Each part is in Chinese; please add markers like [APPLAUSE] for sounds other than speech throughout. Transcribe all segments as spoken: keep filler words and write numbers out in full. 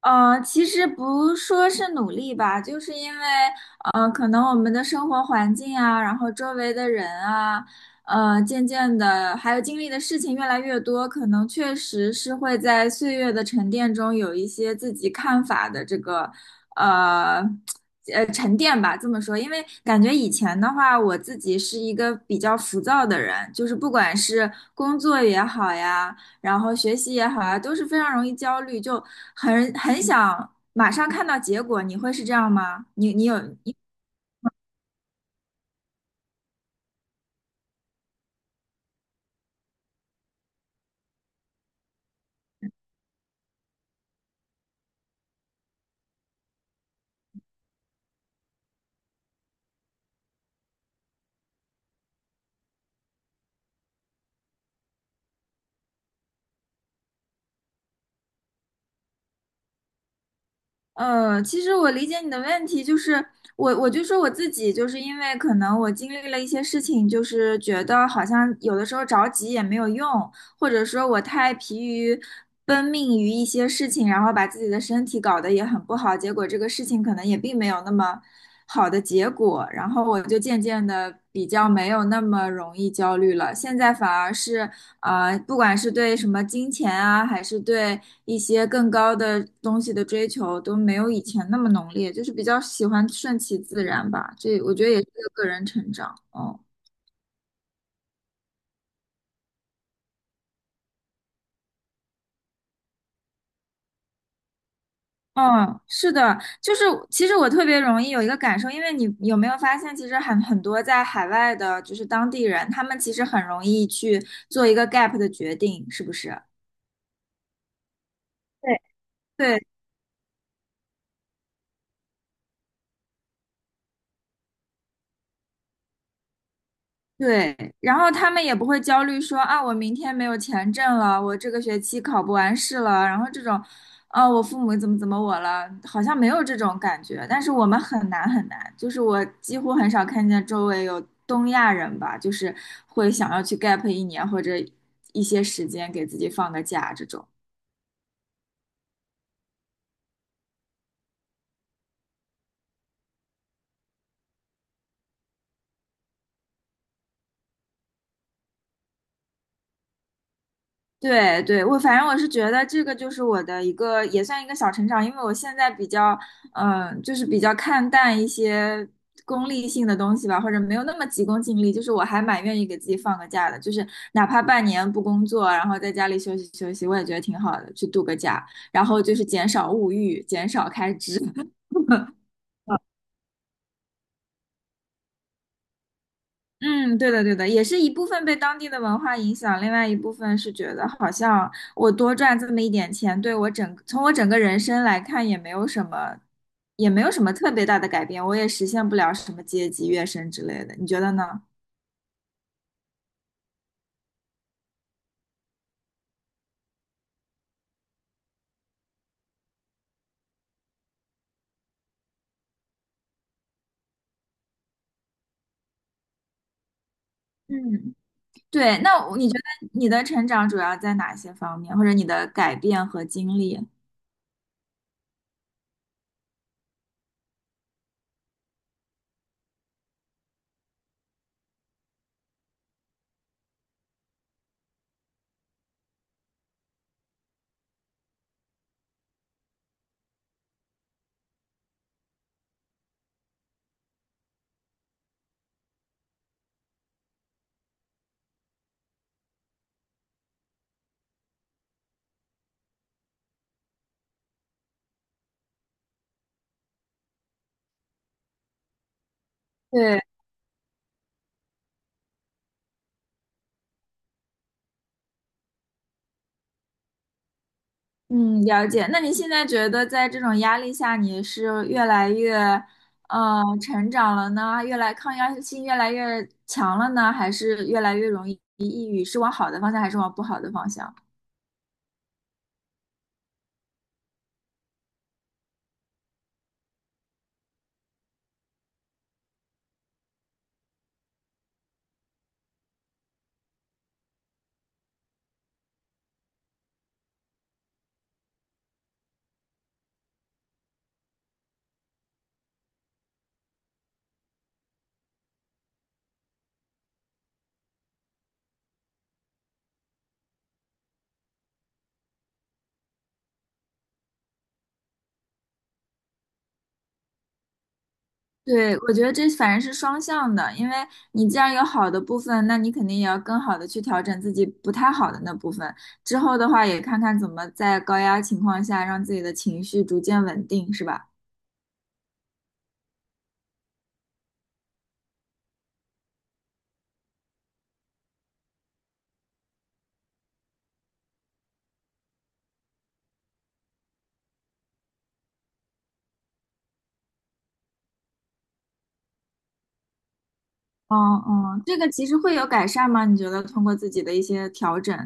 嗯，呃其实不说是努力吧，就是因为，呃，可能我们的生活环境啊，然后周围的人啊，呃，渐渐的，还有经历的事情越来越多，可能确实是会在岁月的沉淀中有一些自己看法的这个，呃，呃，沉淀吧，这么说。因为感觉以前的话，我自己是一个比较浮躁的人，就是不管是工作也好呀，然后学习也好啊，都是非常容易焦虑，就很很想马上看到结果。你会是这样吗？你你有你呃，其实我理解你的问题，就是我我就说我自己，就是因为可能我经历了一些事情，就是觉得好像有的时候着急也没有用，或者说我太疲于奔命于一些事情，然后把自己的身体搞得也很不好，结果这个事情可能也并没有那么好的结果，然后我就渐渐的比较没有那么容易焦虑了。现在反而是呃，不管是对什么金钱啊，还是对一些更高的东西的追求，都没有以前那么浓烈，就是比较喜欢顺其自然吧。这我觉得也是个个人成长，嗯。嗯，是的，就是其实我特别容易有一个感受，因为你有没有发现，其实很很多在海外的，就是当地人，他们其实很容易去做一个 gap 的决定，是不是？对，对，对，然后他们也不会焦虑说啊，我明天没有钱挣了，我这个学期考不完试了，然后这种，啊，我父母怎么怎么我了，好像没有这种感觉。但是我们很难很难，就是我几乎很少看见周围有东亚人吧，就是会想要去 gap 一年或者一些时间给自己放个假这种。对对，我反正我是觉得这个就是我的一个也算一个小成长。因为我现在比较，嗯、就是比较看淡一些功利性的东西吧，或者没有那么急功近利，就是我还蛮愿意给自己放个假的，就是哪怕半年不工作，然后在家里休息休息，我也觉得挺好的，去度个假，然后就是减少物欲，减少开支。嗯，对的，对的，也是一部分被当地的文化影响，另外一部分是觉得好像我多赚这么一点钱，对我整，从我整个人生来看也没有什么，也没有什么特别大的改变，我也实现不了什么阶级跃升之类的，你觉得呢？嗯，对，那我你觉得你的成长主要在哪些方面，或者你的改变和经历？对。嗯，了解。那你现在觉得在这种压力下，你是越来越，呃，成长了呢？越来抗压性越来越强了呢？还是越来越容易抑郁？是往好的方向，还是往不好的方向？对，我觉得这反正是双向的，因为你既然有好的部分，那你肯定也要更好的去调整自己不太好的那部分。之后的话，也看看怎么在高压情况下让自己的情绪逐渐稳定，是吧？哦哦，这个其实会有改善吗？你觉得通过自己的一些调整？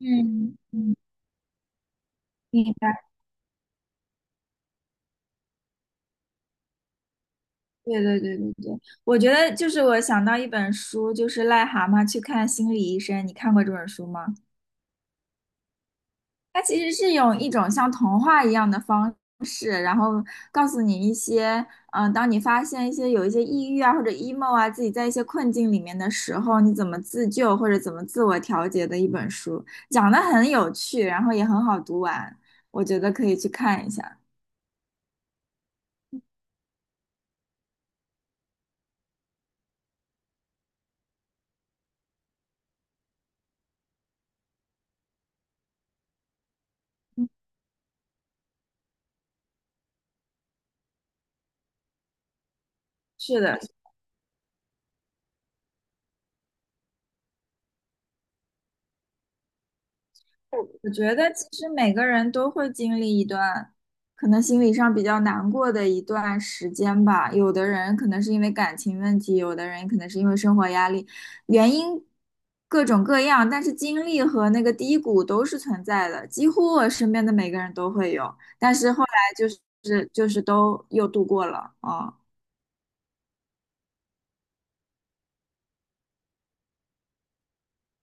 嗯嗯，明白。对对对对对，我觉得就是我想到一本书，就是《癞蛤蟆去看心理医生》，你看过这本书吗？它其实是用一种像童话一样的方式，然后告诉你一些，嗯、当你发现一些有一些抑郁啊或者 emo 啊，自己在一些困境里面的时候，你怎么自救或者怎么自我调节的一本书，讲的很有趣，然后也很好读完，我觉得可以去看一下。是的，我我觉得其实每个人都会经历一段，可能心理上比较难过的一段时间吧。有的人可能是因为感情问题，有的人可能是因为生活压力，原因各种各样，但是经历和那个低谷都是存在的，几乎我身边的每个人都会有。但是后来就是就是都又度过了啊，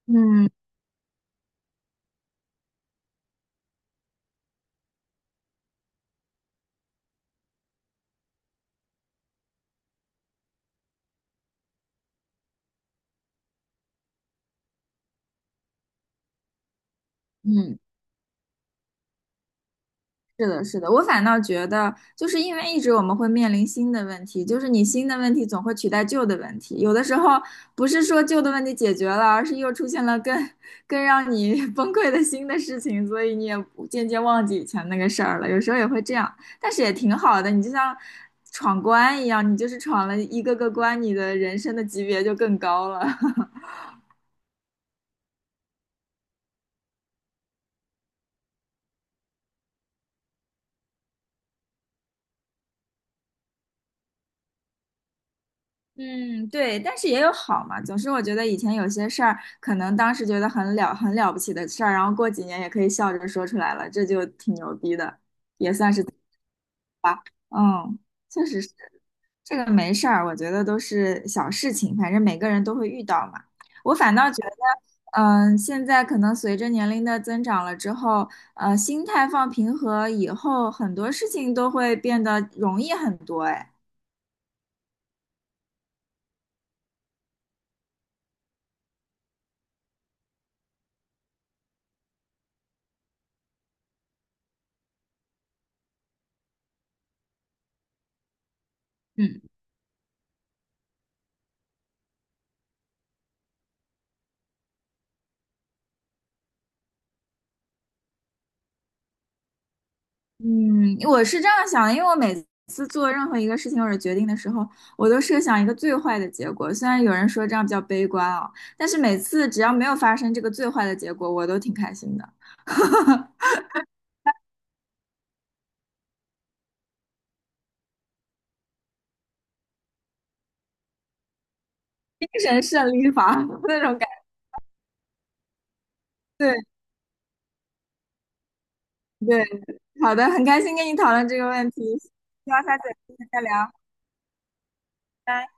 嗯嗯。是的，是的，我反倒觉得，就是因为一直我们会面临新的问题，就是你新的问题总会取代旧的问题，有的时候不是说旧的问题解决了，而是又出现了更更让你 [LAUGHS] 崩溃的新的事情，所以你也不渐渐忘记以前那个事儿了，有时候也会这样，但是也挺好的，你就像闯关一样，你就是闯了一个个关，你的人生的级别就更高了。[LAUGHS] 嗯，对，但是也有好嘛。总是我觉得以前有些事儿，可能当时觉得很了很了不起的事儿，然后过几年也可以笑着说出来了，这就挺牛逼的。嗯，确实是这个没事儿，我觉得都是小事情，反正每个人都会遇到嘛。我反倒觉得，嗯、现在可能随着年龄的增长了之后，呃，心态放平和以后，很多事情都会变得容易很多。哎，嗯。嗯，我是这样想的，因为我每次做任何一个事情或者决定的时候，我都设想一个最坏的结果。虽然有人说这样比较悲观啊，但是每次只要没有发生这个最坏的结果，我都挺开心的。精神胜利法 [LAUGHS] 那种感觉。对对，好的，很开心跟你讨论这个问题，希望下次有机会再聊。拜拜